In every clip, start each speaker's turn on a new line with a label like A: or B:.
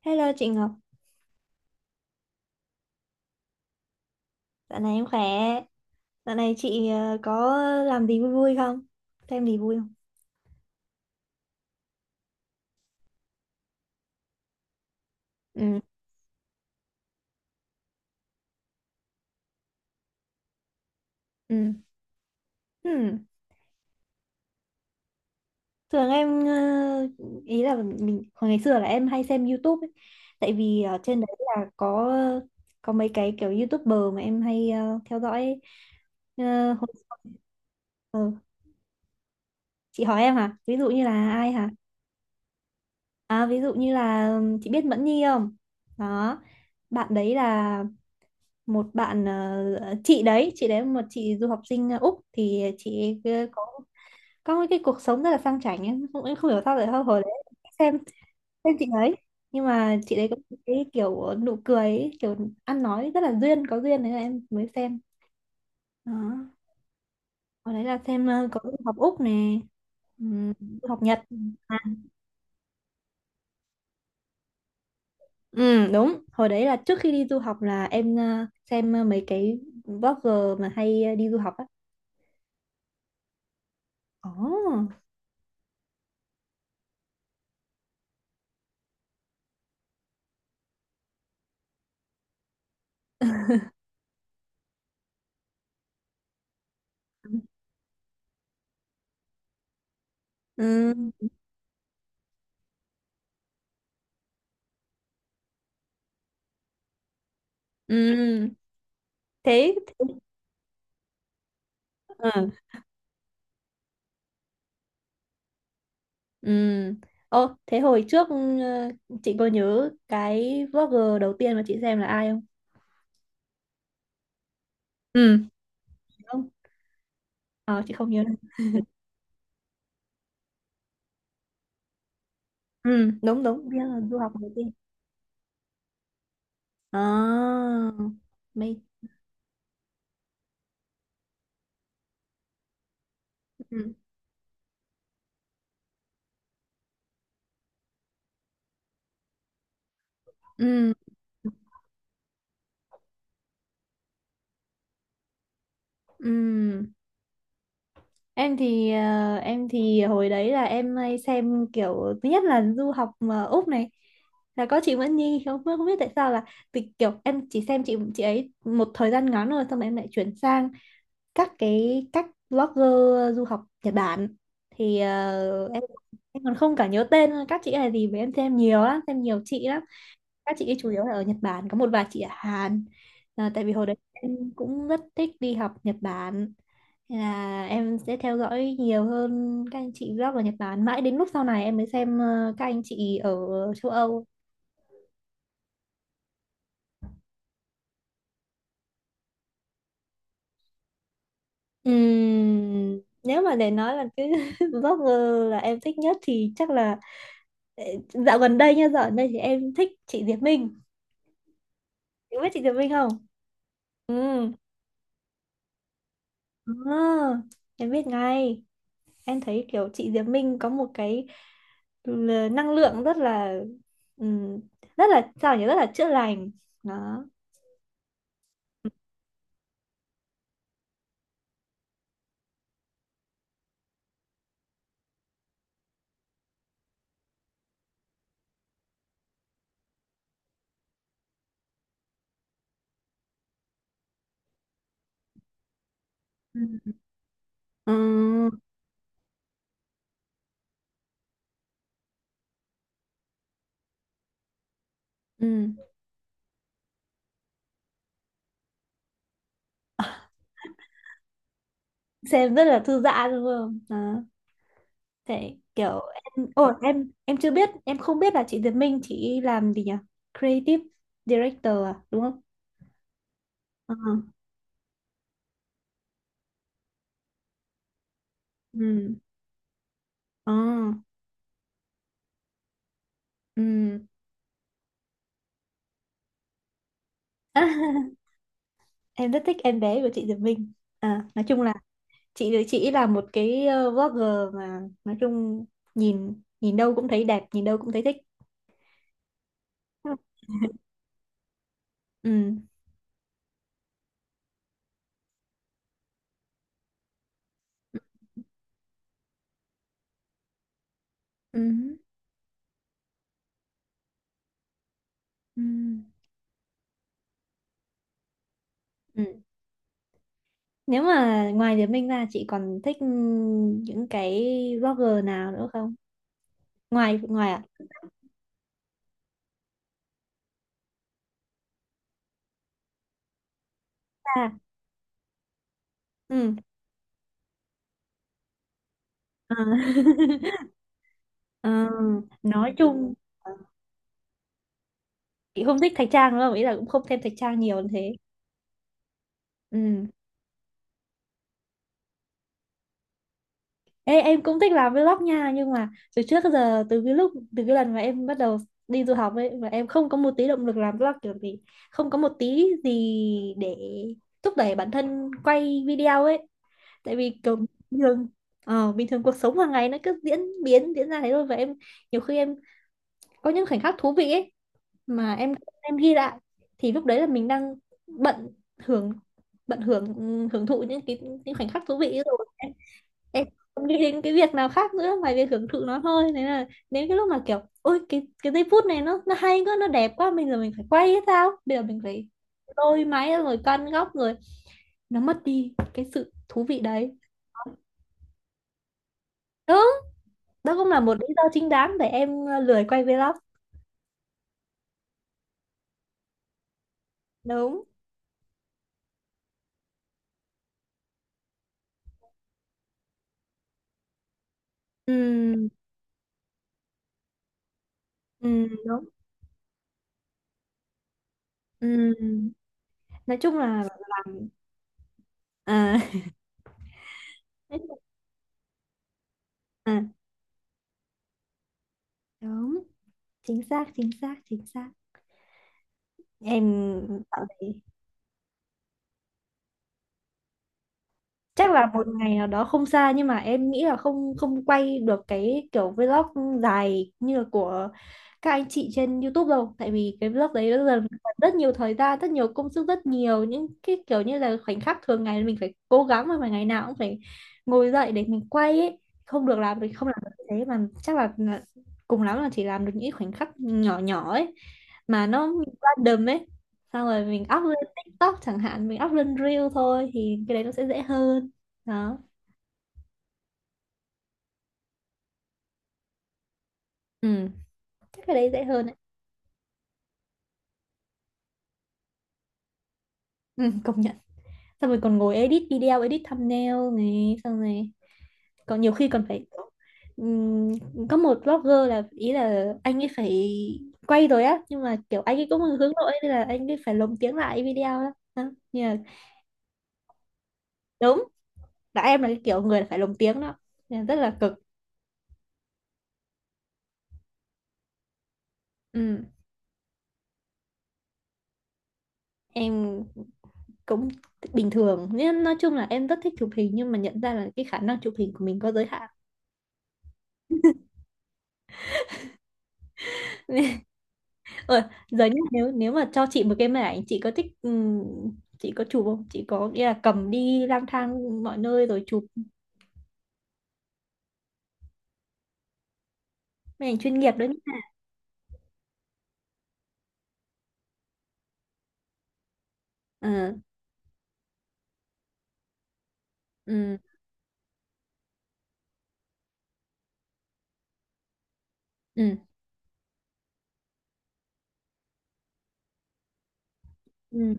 A: Hello chị Ngọc, dạo này em khỏe. Dạo này chị có làm gì vui vui không? Thêm gì vui không? Ừ, ừ. Hmm. Thường em ý là mình hồi ngày xưa là em hay xem YouTube ấy. Tại vì ở trên đấy là có mấy cái kiểu YouTuber mà em hay theo dõi ấy. Ờ, hồi- ờ, chị hỏi em hả? Ví dụ như là ai hả? À, ví dụ như là chị biết Mẫn Nhi không? Đó. Bạn đấy là một bạn, chị đấy một chị du học sinh Úc thì chị ấy có cái cuộc sống rất là sang chảnh ấy. Không em không hiểu sao lại hồi đấy xem xem chị ấy, nhưng mà chị đấy có một cái kiểu nụ cười ấy, kiểu ăn nói rất là duyên có duyên đấy là em mới xem đó. Hồi đấy là xem có du học Úc nè, ừm, du học Nhật. À, ừ, đúng hồi đấy là trước khi đi du học là em xem mấy cái blogger mà hay đi du học á. Ồ. Ừ. Ừ, thế ừ. Ừ. Ô, thế hồi trước chị có nhớ cái vlogger đầu tiên mà chị xem là ai không? Ừ. Không. Ờ, chị không nhớ đâu. Ừ, đúng đúng, biết là du học đầu tiên. À, mày. Ừ. Ừ. Ừ. Em thì hồi đấy là em hay xem kiểu thứ nhất là du học mà Úc này là có chị Nguyễn Nhi không không biết tại sao là vì kiểu em chỉ xem chị ấy một thời gian ngắn, rồi xong rồi em lại chuyển sang các blogger du học Nhật Bản, thì em còn không cả nhớ tên các chị này gì, với em xem nhiều lắm, xem nhiều chị lắm, các chị ấy chủ yếu là ở Nhật Bản có một vài chị ở Hàn. Ờ, tại vì hồi đấy em cũng rất thích đi học Nhật Bản. Nên là em sẽ theo dõi nhiều hơn các anh chị blog ở Nhật Bản, mãi đến lúc sau này em mới xem các anh chị ở châu Âu. Nếu mà để nói là cái blogger là em thích nhất thì chắc là, Ờ, Dạo gần đây nha, dạo gần đây thì em thích chị Diệp Minh. Em biết chị Diệp Minh không? Ừ. À, em biết ngay. Em thấy kiểu chị Diệp Minh có một cái năng lượng rất là, ừm, rất là sao nhỉ, rất là chữa lành. Đó. Ừ. Ừ. Ừ. Xem rất là thư giãn đúng không? Đó. Thế kiểu em ồ em chưa biết, em không biết là chị Diệp Minh chị làm gì nhỉ? Creative director à, đúng không? Ờ. Ừ. Ờ. Ừ. Em rất thích em bé của chị Diệp Minh. À, nói chung là chị là một cái vlogger mà nói chung nhìn nhìn đâu cũng thấy đẹp, nhìn đâu cũng thấy thích. Ừ. Ừ. Ừ. Ừ. Ừ. Nếu mà ngoài Diệp Minh ra chị còn thích những cái vlogger nào nữa không? Ngoài ngoài ạ? À, ừ. Ờ. Ờ, nói chung chị không thích Thạch Trang đúng không? Ý là cũng không thêm Thạch Trang nhiều như thế. Ừ. Ê, em cũng thích làm vlog nha, nhưng mà từ trước tới giờ, từ cái lần mà em bắt đầu đi du học ấy, mà em không có một tí động lực làm vlog kiểu gì, không có một tí gì để thúc đẩy bản thân quay video ấy. Tại vì kiểu bình thường cuộc sống hàng ngày nó cứ diễn biến diễn ra thế thôi. Và em, nhiều khi em có những khoảnh khắc thú vị ấy mà em ghi lại, thì lúc đấy là mình đang bận hưởng bận hưởng hưởng thụ những khoảnh khắc thú vị ấy rồi, em không nghĩ đến cái việc nào khác nữa ngoài việc hưởng thụ nó thôi. Nên là đến cái lúc mà kiểu ôi cái giây phút này nó hay quá, nó đẹp quá, bây giờ mình phải quay hay sao, bây giờ mình phải lôi máy ra rồi căn góc rồi, nó mất đi cái sự thú vị đấy. Đúng. Đó cũng là một lý do chính đáng để em lười quay vlog. Đúng. Ừ, ừ, đúng. Ừ. Nói chung là làm. À, à, đúng, chính xác chính xác chính xác. Em cảm thấy chắc là một ngày nào đó không xa, nhưng mà em nghĩ là không không quay được cái kiểu vlog dài như là của các anh chị trên YouTube đâu, tại vì cái vlog đấy nó dần mất rất nhiều thời gian, rất nhiều công sức, rất nhiều những cái kiểu như là khoảnh khắc thường ngày mình phải cố gắng, mà ngày nào cũng phải ngồi dậy để mình quay ấy. Không được làm thì không làm được, thế mà chắc là cùng lắm là chỉ làm được những khoảnh khắc nhỏ nhỏ ấy, mà nó random ấy, xong rồi mình up lên TikTok chẳng hạn, mình up lên Reel thôi thì cái đấy nó sẽ dễ hơn. Đó. Ừ, chắc cái đấy dễ hơn đấy. Ừ, công nhận. Xong rồi còn ngồi edit video, edit thumbnail này, xong rồi còn nhiều khi còn phải ừm, có một blogger là ý là anh ấy phải quay rồi á, nhưng mà kiểu anh ấy cũng hướng nội nên là anh ấy phải lồng tiếng lại video đó, đó. Nhưng mà đúng là em là cái kiểu người là phải lồng tiếng đó, nên là rất là cực. Ừ. Em cũng bình thường nên nói chung là em rất thích chụp hình, nhưng mà nhận ra là cái khả năng chụp hình của mình có giới hạn. Ờ, giờ nhá, nếu nếu mà cho chị một cái máy ảnh chị có thích, chị có chụp không? Chị có nghĩa là cầm đi lang thang mọi nơi rồi chụp máy ảnh chuyên nghiệp đấy nhá. Ờ, ừ, ừ, ừ.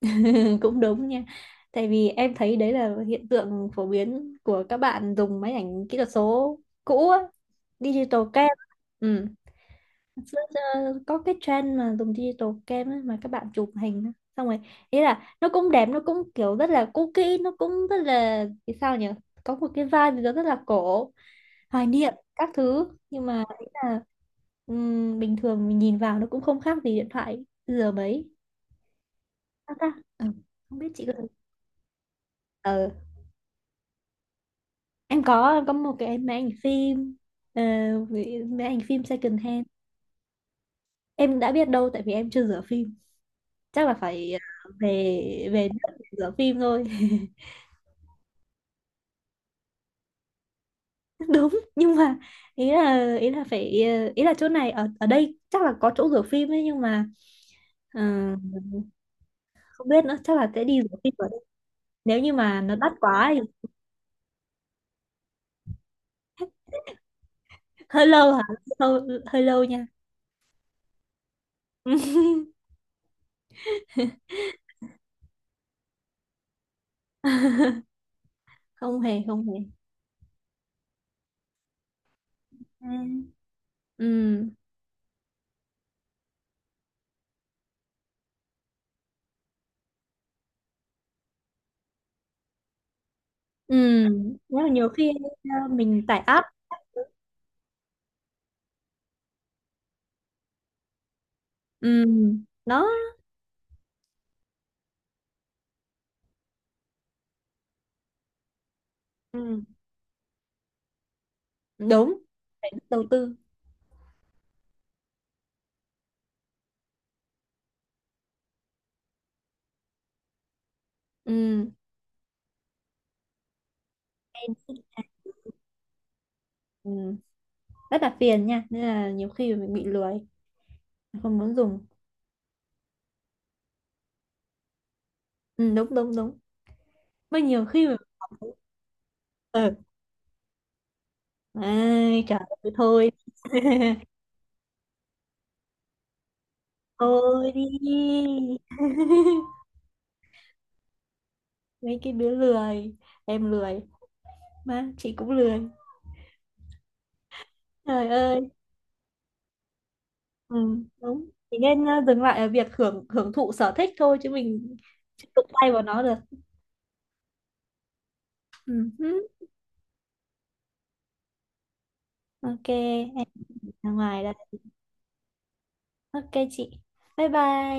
A: Cũng đúng nha. Tại vì em thấy đấy là hiện tượng phổ biến của các bạn dùng máy ảnh kỹ thuật số cũ á, digital cam. Ừ. Xưa giờ có cái trend mà dùng digital cam ấy, mà các bạn chụp hình á. Xong rồi ý là nó cũng đẹp, nó cũng kiểu rất là cookie, nó cũng rất là, thì sao nhỉ, có một cái vibe gì đó rất là cổ, hoài niệm các thứ. Nhưng mà ý là bình thường mình nhìn vào nó cũng không khác gì điện thoại giờ mấy, sao ta. Ờ, không biết chị có thử. ờ em có một cái máy ảnh phim, ờ, máy ảnh phim second hand. Em đã biết đâu, tại vì em chưa rửa phim. Chắc là phải về về nước để rửa phim thôi. Đúng, nhưng mà ý là phải, ý là chỗ này ở ở đây chắc là có chỗ rửa phim ấy, nhưng mà ờ, không biết nữa, chắc là sẽ đi rửa phim ở đây. Nếu như mà nó đắt quá thì. Hơi lâu hả? Hơi lâu nha. Không hề, không hề. Ừ. Ừ. Ừ. Nếu mà nhiều khi mình tải app. Ừ. Đó. Ừ. Đúng, phải đầu tư. Ừ. Ừ. Rất là phiền nha, nên là nhiều khi mình bị lười, không muốn dùng. Ừ, đúng đúng đúng, mà nhiều khi mình. Ừ. Ai trời ơi, thôi. Thôi đi. Mấy cái đứa lười, em lười mà chị cũng lười, trời ơi. Ừ, đúng, thì nên dừng lại ở việc hưởng hưởng thụ sở thích thôi, chứ mình chứ đụng tay vào nó được. Ừ. Hứ. OK, em ra ngoài đây. OK chị, bye bye.